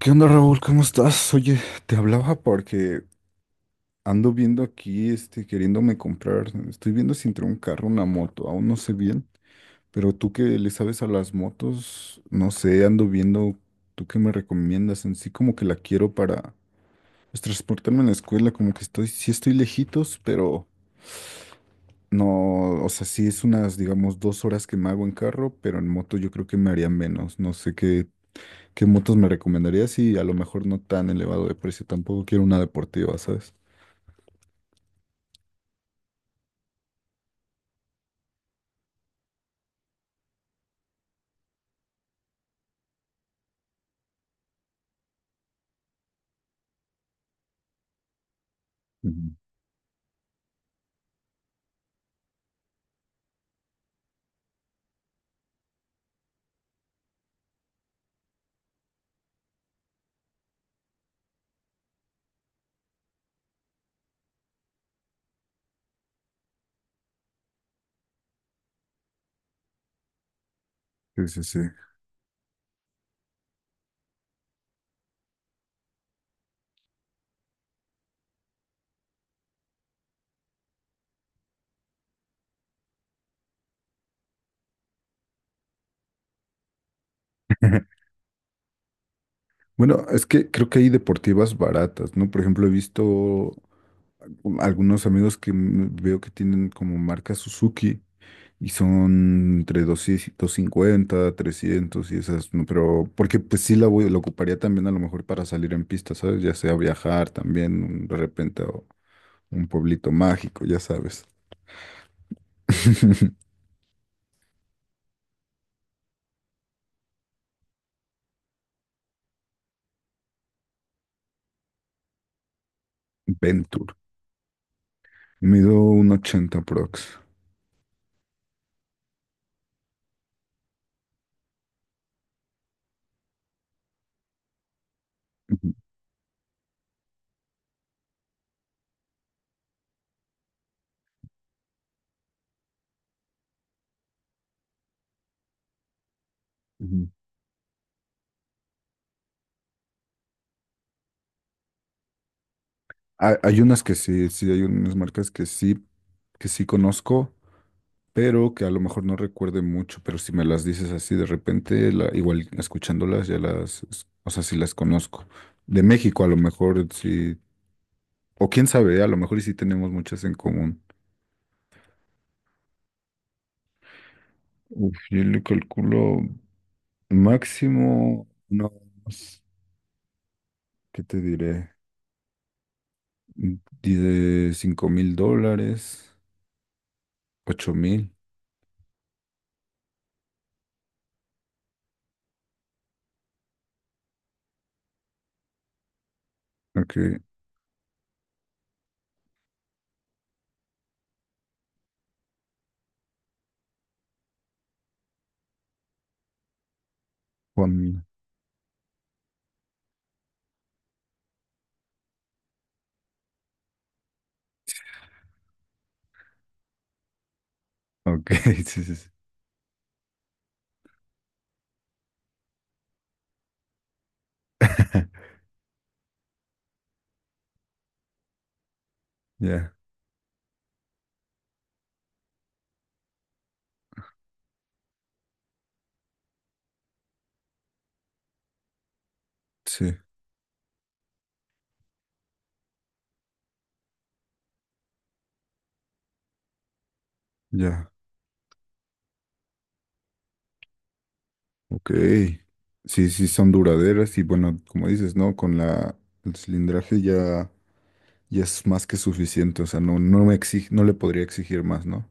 ¿Qué onda, Raúl? ¿Cómo estás? Oye, te hablaba porque ando viendo aquí, este, queriéndome comprar. Estoy viendo si entre un carro, una moto, aún no sé bien, pero tú que le sabes a las motos, no sé, ando viendo, ¿tú qué me recomiendas? En sí como que la quiero para pues, transportarme a la escuela, como que estoy, sí estoy lejitos, pero no, o sea, sí es unas, digamos, 2 horas que me hago en carro, pero en moto yo creo que me haría menos. No sé qué. ¿Qué motos me recomendarías? Y a lo mejor no tan elevado de precio. Tampoco quiero una deportiva, ¿sabes? Ujú. Sí, sí, sí. Bueno, es que creo que hay deportivas baratas, ¿no? Por ejemplo, he visto algunos amigos veo que tienen como marca Suzuki y son entre 250 300 y esas, ¿no?, pero porque pues sí la ocuparía también a lo mejor para salir en pista, ¿sabes? Ya sea viajar también de repente a un pueblito mágico, ya sabes. Venture. Mido 1.80 prox. Ujú, ujú. Hay unas que sí, sí, hay unas marcas que sí conozco, pero que a lo mejor no recuerde mucho, pero si me las dices así de repente, igual escuchándolas ya las, es- o sea, sí las conozco. De México a lo mejor sí, o quién sabe, a lo mejor y sí tenemos muchas en común. Uf, yo le calculo máximo unos, ¿qué te diré? Mm, di De $5,000, 8,000. Juan. Ok, sí, sí, sí. Ya, sí, ya. Ok. Sí, sí, son duraderas y bueno, como dices, ¿no? Con el cilindraje ya, ya es más que suficiente. O sea, no, no me exige, no le podría exigir más, ¿no?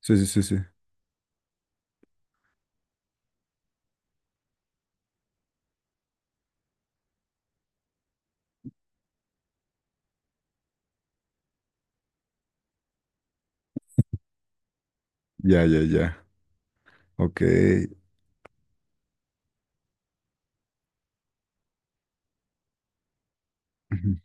Sí, sí, sí, sí. Ya, ya, ya. Ok. Ujú.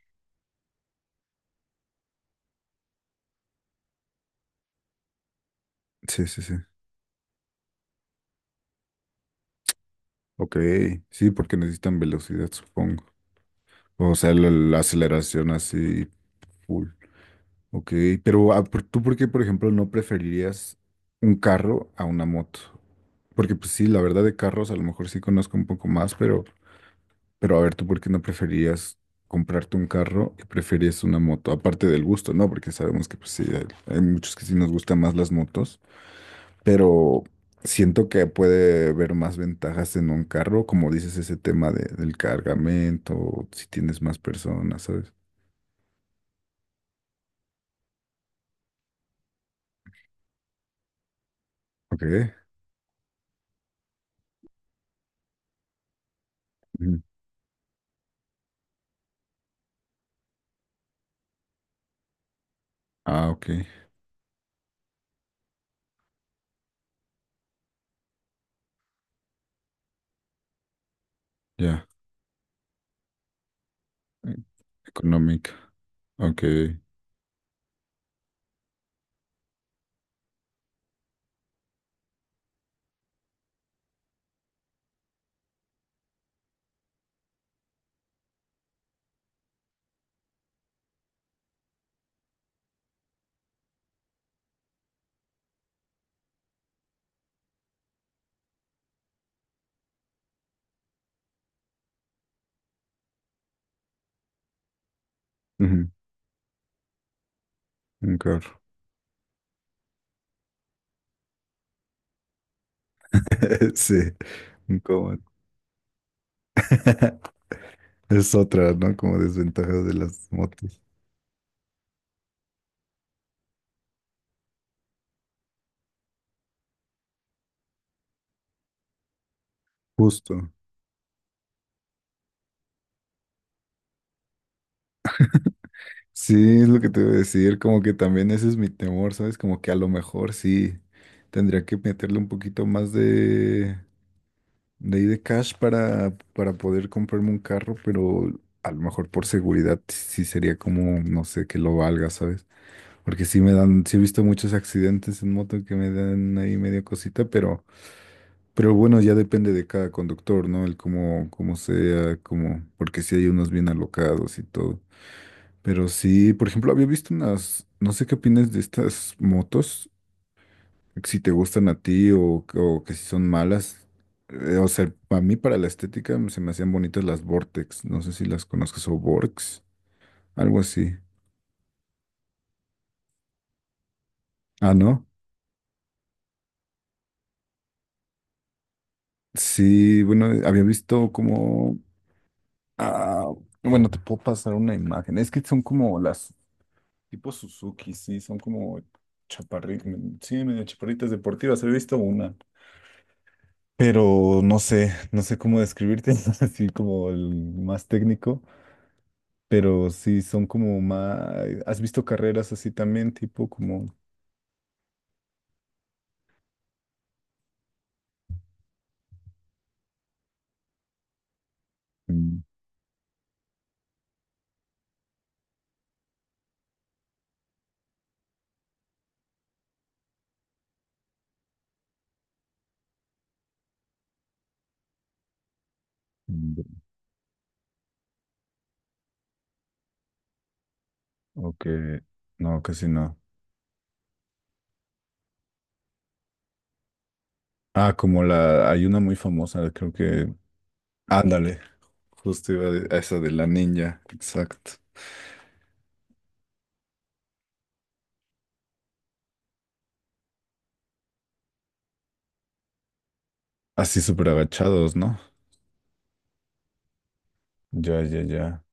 Sí, sí, sí. Ok. Sí, porque necesitan velocidad, supongo. O sea, la aceleración así full. Ok, pero ah, ¿tú por qué, por ejemplo, no preferirías un carro a una moto? Porque pues sí, la verdad de carros a lo mejor sí conozco un poco más, pero a ver, ¿tú por qué no preferirías comprarte un carro y prefieres una moto? Aparte del gusto, ¿no? Porque sabemos que pues sí, hay muchos que sí nos gustan más las motos, pero siento que puede haber más ventajas en un carro, como dices, ese tema del cargamento, si tienes más personas, ¿sabes? Ok. Ujú. Ah, ok, ya. Económica. Ok. Ujú. Un carro. Sí, un cómodo. Es otra, ¿no? Como desventaja de las motos. Justo. Sí, es lo que te iba a decir. Como que también ese es mi temor, ¿sabes? Como que a lo mejor sí tendría que meterle un poquito más de ahí de cash para poder comprarme un carro, pero a lo mejor por seguridad sí sería como, no sé, que lo valga, ¿sabes? Porque sí me dan, sí he visto muchos accidentes en moto que me dan ahí medio cosita, pero bueno, ya depende de cada conductor, ¿no? El cómo, cómo sea, cómo, porque sí hay unos bien alocados y todo. Pero sí, por ejemplo, había visto unas, no sé qué opinas de estas motos, si te gustan a ti o que si son malas. O sea, a mí para la estética se me hacían bonitas las Vortex, no sé si las conozcas o Vorks, algo así. Ah, ¿no? Sí, bueno, había visto como. Ah, bueno, te puedo pasar una imagen. Es que son como las tipo Suzuki, sí, son como chaparritas, sí, medio chaparritas deportivas. He visto una, pero no sé cómo describirte, así como el más técnico, pero sí son como más. ¿Has visto carreras así también, tipo como? Mm, mm. Ok, no, casi no. Ah, hay una muy famosa, creo que. Ándale, justo iba a esa de la ninja, exacto. Así súper agachados, ¿no? Ya, ya, ya.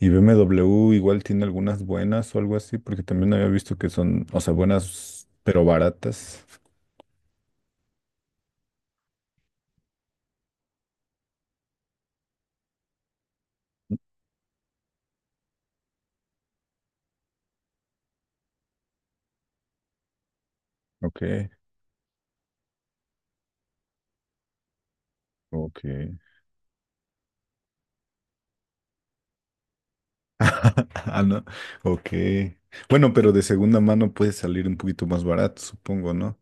Y BMW igual tiene algunas buenas o algo así, porque también había visto que son, o sea, buenas, pero baratas. Ok, ok. Ah, no. Ok. Bueno, pero de segunda mano puede salir un poquito más barato, supongo, ¿no?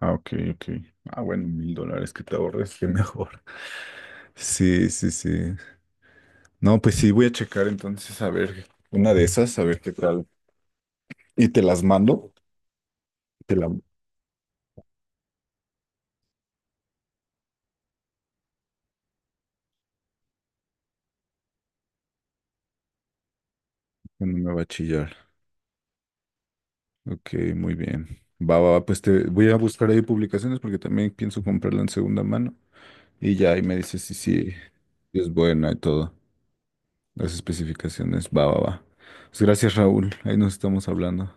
Ah, ok, ok. Ah, bueno, $1,000 que te ahorres, qué mejor. Sí, sí, sí. No, pues sí, voy a checar entonces a ver una de esas, a ver qué tal. Y te las mando. Te la-. Cuando me va a chillar. Ok, muy bien. Va, va, va, pues te voy a buscar ahí publicaciones porque también pienso comprarla en segunda mano. Y ya ahí me dices si sí, es buena y todo. Las especificaciones. Va, va, va. Pues gracias, Raúl. Ahí nos estamos hablando.